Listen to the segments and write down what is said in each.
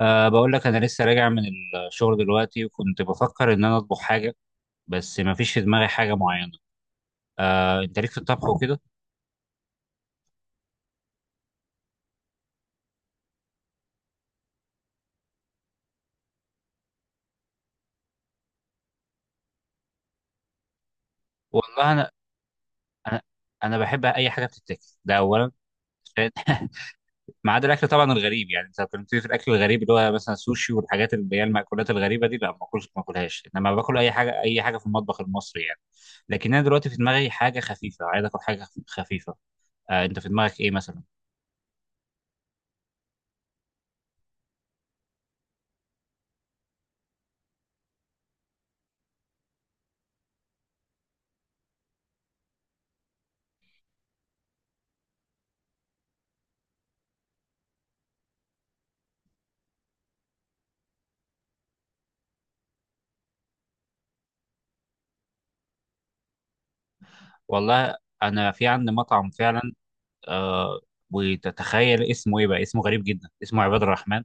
بقول لك أنا لسه راجع من الشغل دلوقتي، وكنت بفكر إن أنا أطبخ حاجة، بس ما فيش في دماغي حاجة معينة. أه أنت ليك في الطبخ وكده؟ والله أنا أنا بحب أي حاجة بتتاكل، ده أولا. ما عدا الأكل طبعا الغريب، يعني أنت كنت في الأكل الغريب اللي هو مثلا السوشي والحاجات اللي هي المأكولات الغريبة دي، لا ما باكلش ما باكلهاش، إنما باكل أي حاجة، أي حاجة في المطبخ المصري يعني. لكن أنا دلوقتي في دماغي حاجة خفيفة، عايز آكل حاجة خفيفة. أه أنت في دماغك إيه مثلا؟ والله أنا في عندي مطعم فعلا. آه وتتخيل اسمه ايه؟ بقى اسمه غريب جدا، اسمه عباد الرحمن.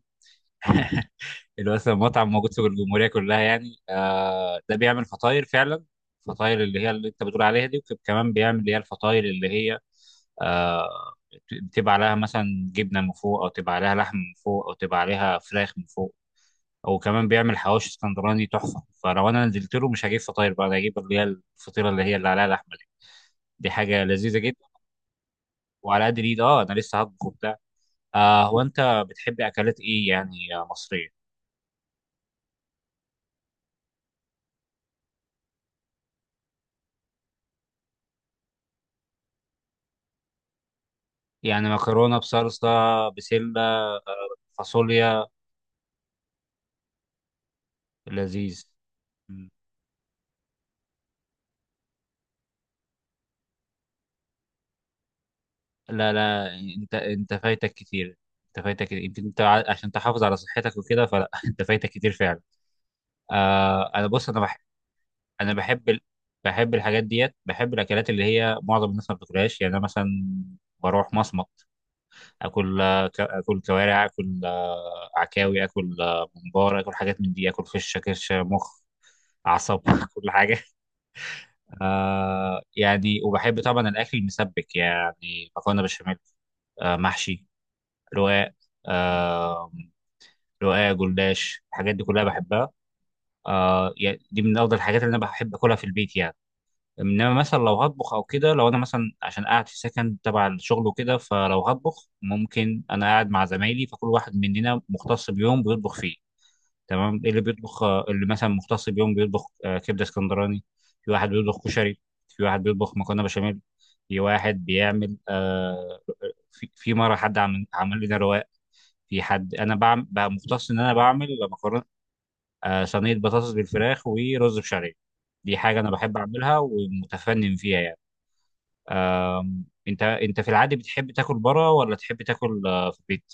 اللي هو اصلا مطعم موجود في الجمهوريه كلها يعني. ده بيعمل فطاير فعلا، الفطاير اللي هي اللي انت بتقول عليها دي، وكمان بيعمل اللي هي الفطاير اللي هي آه بتبقى عليها مثلا جبنه من فوق، او تبقى عليها لحم من فوق، او تبقى عليها فراخ من فوق. وكمان بيعمل حواوشي اسكندراني تحفه. فلو انا نزلت له مش هجيب فطاير، بقى انا هجيب اللي هي الفطيره اللي هي اللي عليها لحمه دي. دي حاجه لذيذه جدا. وعلى قد الايد اه، انا لسه هطبخ وبتاع. آه هو انت بتحب اكلات ايه يعني؟ مصريه يعني، مكرونه بصلصه، بسله فاصوليا لذيذ. مم. لا لا، انت فايتك كتير. انت فايتك كتير. يمكن انت عشان تحافظ على صحتك وكده فلا. انت فايتك كتير فعلا. آه انا بص انا بحب، انا بحب بحب الحاجات ديت، بحب الاكلات اللي هي معظم الناس ما بتاكلهاش يعني. انا مثلا بروح مصمت، اكل اكل كوارع، اكل عكاوي، اكل ممبار، اكل حاجات من دي، اكل فشه كرشه مخ اعصاب. كل حاجه. آه يعني، وبحب طبعا الاكل المسبك، يعني مكرونه بشاميل، آه محشي رقاق، آه رقاق جلاش، الحاجات دي كلها بحبها. آه يعني دي من افضل الحاجات اللي انا بحب اكلها في البيت يعني. انما مثلا لو هطبخ او كده، لو انا مثلا عشان قاعد في سكن تبع الشغل وكده، فلو هطبخ ممكن انا قاعد مع زمايلي، فكل واحد مننا مختص بيوم بيطبخ فيه. تمام، إيه اللي بيطبخ؟ اللي مثلا مختص بيوم بيطبخ كبده اسكندراني. في واحد بيطبخ كشري، في واحد بيطبخ مكرونه بشاميل، في واحد بيعمل في مره حد عمل لنا رواق. في حد انا بعمل بقى مختص ان انا بعمل مكرونه، صينيه بطاطس بالفراخ، ورز بشعريه. دي حاجه انا بحب اعملها ومتفنن فيها يعني. انت في العادي بتحب تاكل بره ولا تحب تاكل في البيت؟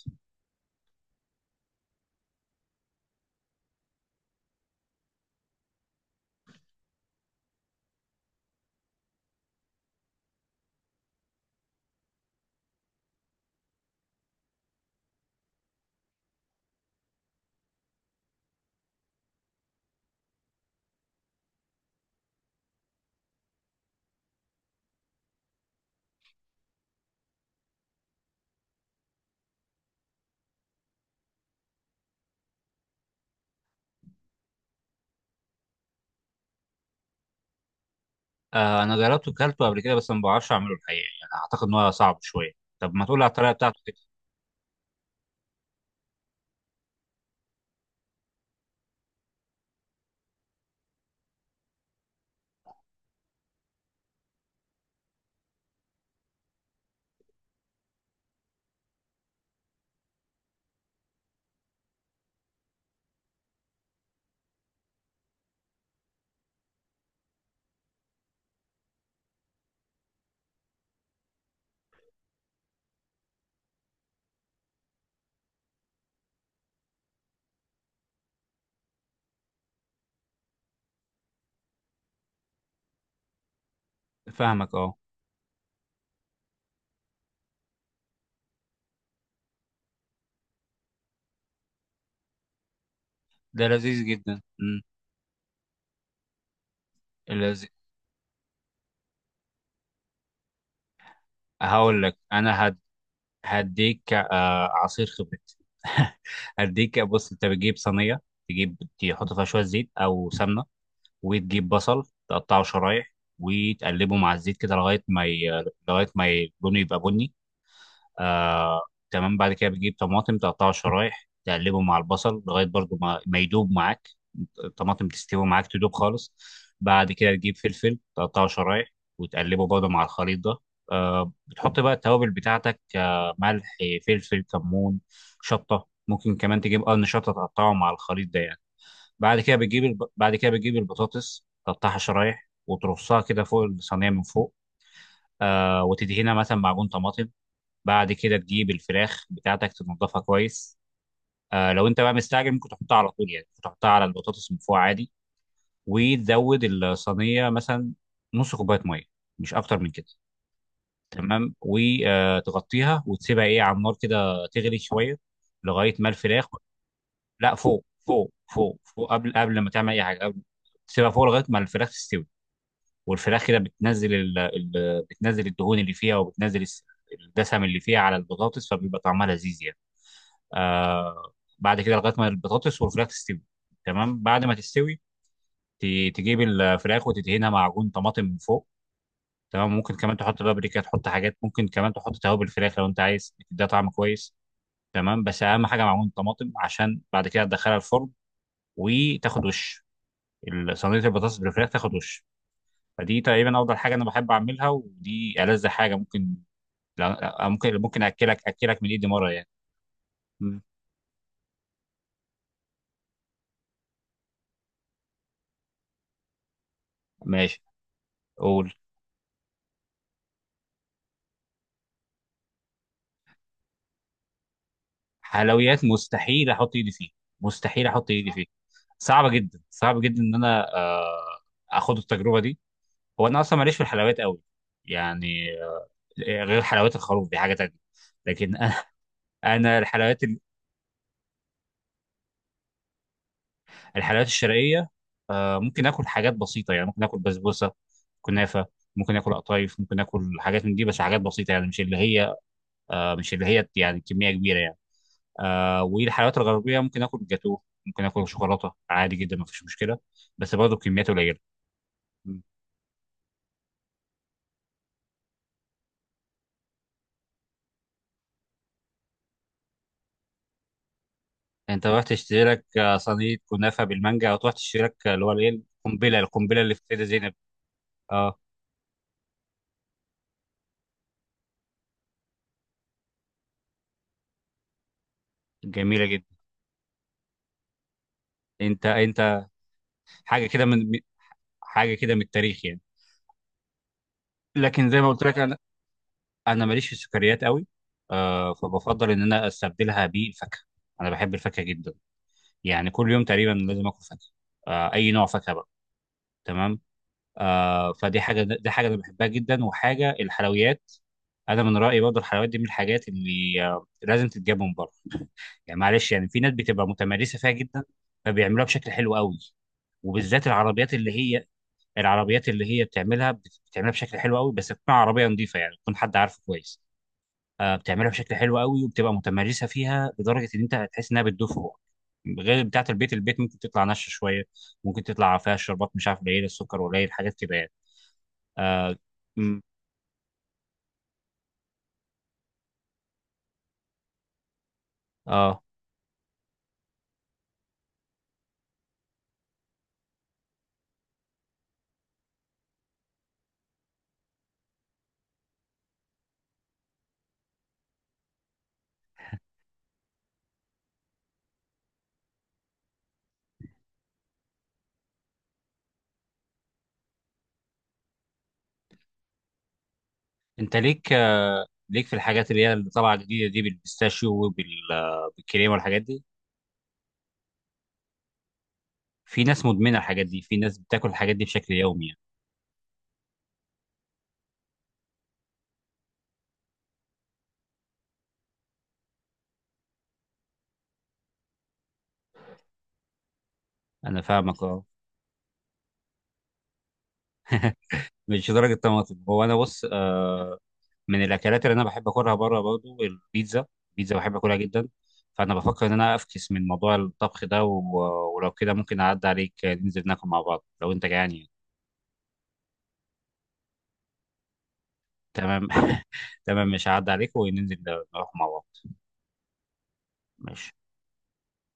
آه انا جربته وكلته قبل كده، بس ما بعرفش اعمله الحقيقه يعني، اعتقد ان هو صعب شويه. طب ما تقول على الطريقه بتاعته كده. فاهمك اه. ده لذيذ جدا امم. لذيذ. هقول لك هديك آه عصير خبرتي. هديك بص، انت بتجيب صينيه، تجيب تحط فيها شويه زيت او سمنه، وتجيب بصل تقطعه شرايح، وتقلبه مع الزيت كده لغايه ما ي... لغايه ما ي- لونه يبقى بني. آه تمام. بعد كده بتجيب طماطم تقطعها شرايح، تقلبه مع البصل لغايه برضو ما يدوب معاك الطماطم، تستوي معاك تدوب خالص. بعد كده تجيب فلفل تقطعه شرايح، وتقلبه برضو مع الخليط ده. آه بتحط بقى التوابل بتاعتك، آه ملح فلفل كمون شطه، ممكن كمان تجيب قرن شطه تقطعه مع الخليط ده يعني. بعد كده بعد كده بتجيب البطاطس تقطعها شرايح وترصها كده فوق الصينيه من فوق. آه وتدهنها مثلا معجون طماطم. بعد كده تجيب الفراخ بتاعتك تنضفها كويس. آه لو انت بقى مستعجل ممكن تحطها على طول يعني، ممكن تحطها على البطاطس من فوق عادي. وتزود الصينيه مثلا نص كوبايه ميه، مش اكتر من كده. تمام، وتغطيها وتسيبها ايه على النار كده تغلي شويه لغايه ما الفراخ. لا فوق فوق فوق فوق، قبل قبل ما تعمل اي حاجه قبل. تسيبها فوق لغايه ما الفراخ تستوي. والفراخ كده بتنزل بتنزل الدهون اللي فيها، وبتنزل الدسم اللي فيها على البطاطس، فبيبقى طعمها لذيذ يعني. آه بعد كده لغايه ما البطاطس والفراخ تستوي. تمام بعد ما تستوي، تجيب الفراخ وتدهنها معجون طماطم من فوق. تمام ممكن كمان تحط بابريكا، تحط حاجات، ممكن كمان تحط توابل الفراخ لو انت عايز، ده طعم كويس. تمام بس اهم حاجه معجون طماطم، عشان بعد كده تدخلها الفرن، وتاخد وش صينيه البطاطس بالفراخ تاخد وش. فدي تقريبا افضل حاجه انا بحب اعملها، ودي ألذ حاجه ممكن. ممكن ممكن اكلك اكلك من ايدي مره يعني. مم. ماشي. قول. حلويات مستحيل احط ايدي فيه، مستحيل احط ايدي فيه. صعبه جدا، صعب جدا ان انا اخد التجربه دي. هو انا اصلا ماليش في الحلويات قوي، يعني غير حلويات الخروف دي حاجه تانية. لكن انا أنا الحلويات الحلويات الشرقيه، ممكن اكل حاجات بسيطه يعني، ممكن اكل بسبوسه كنافه، ممكن اكل قطايف، ممكن اكل حاجات من دي بس حاجات بسيطه، يعني مش اللي هي مش اللي هي يعني كميه كبيره يعني. آه والحلويات الغربيه ممكن اكل جاتوه، ممكن اكل شوكولاته عادي جدا مفيش مشكله، بس برضه بكميات قليله. مم. انت تروح تشتري لك صينيه كنافه بالمانجا، او تروح تشتري لك اللي هو الايه، القنبله القنبله اللي في سيده زينب. اه جميله جدا. انت انت حاجه كده حاجه كده من التاريخ يعني. لكن زي ما قلت لك انا، انا ماليش في السكريات قوي. آه فبفضل ان انا استبدلها بالفاكهه، انا بحب الفاكهه جدا، يعني كل يوم تقريبا لازم اكل فاكهه. آه اي نوع فاكهه بقى. تمام. آه فدي حاجه، دي حاجه انا بحبها جدا. وحاجه الحلويات، انا من رايي برضه الحلويات دي من الحاجات اللي آه لازم تتجاب من بره. يعني معلش، يعني في ناس بتبقى متمرسه فيها جدا، فبيعملوها بشكل حلو قوي. وبالذات العربيات اللي هي، العربيات اللي هي بتعملها بتعملها بشكل حلو قوي، بس تكون عربيه نظيفه يعني، تكون حد عارفه كويس. آه بتعملها بشكل حلو قوي، وبتبقى متمرسه فيها لدرجه ان انت هتحس انها بتدوب في بقك. غير بتاعه البيت، البيت ممكن تطلع ناشفه شويه، ممكن تطلع فيها الشربات مش عارف، قليل السكر قليل حاجات كده يعني. اه, م- آه. انت ليك آه ليك في الحاجات اللي هي اللي طالعه جديده دي بالبيستاشيو وبالكريمه والحاجات دي؟ في ناس مدمنه الحاجات دي، في ناس بتاكل الحاجات دي بشكل يومي يعني. انا فاهمك اه. مش درجه طماطم. هو انا بص آه، من الاكلات اللي انا بحب اكلها بره برضو البيتزا، البيتزا بحب اكلها جدا. فانا بفكر ان انا افكس من موضوع الطبخ ده ولو كده ممكن اعدي عليك ننزل ناكل مع بعض لو انت جعان يعني. تمام. تمام مش هعدي عليك وننزل، نروح مع بعض. ماشي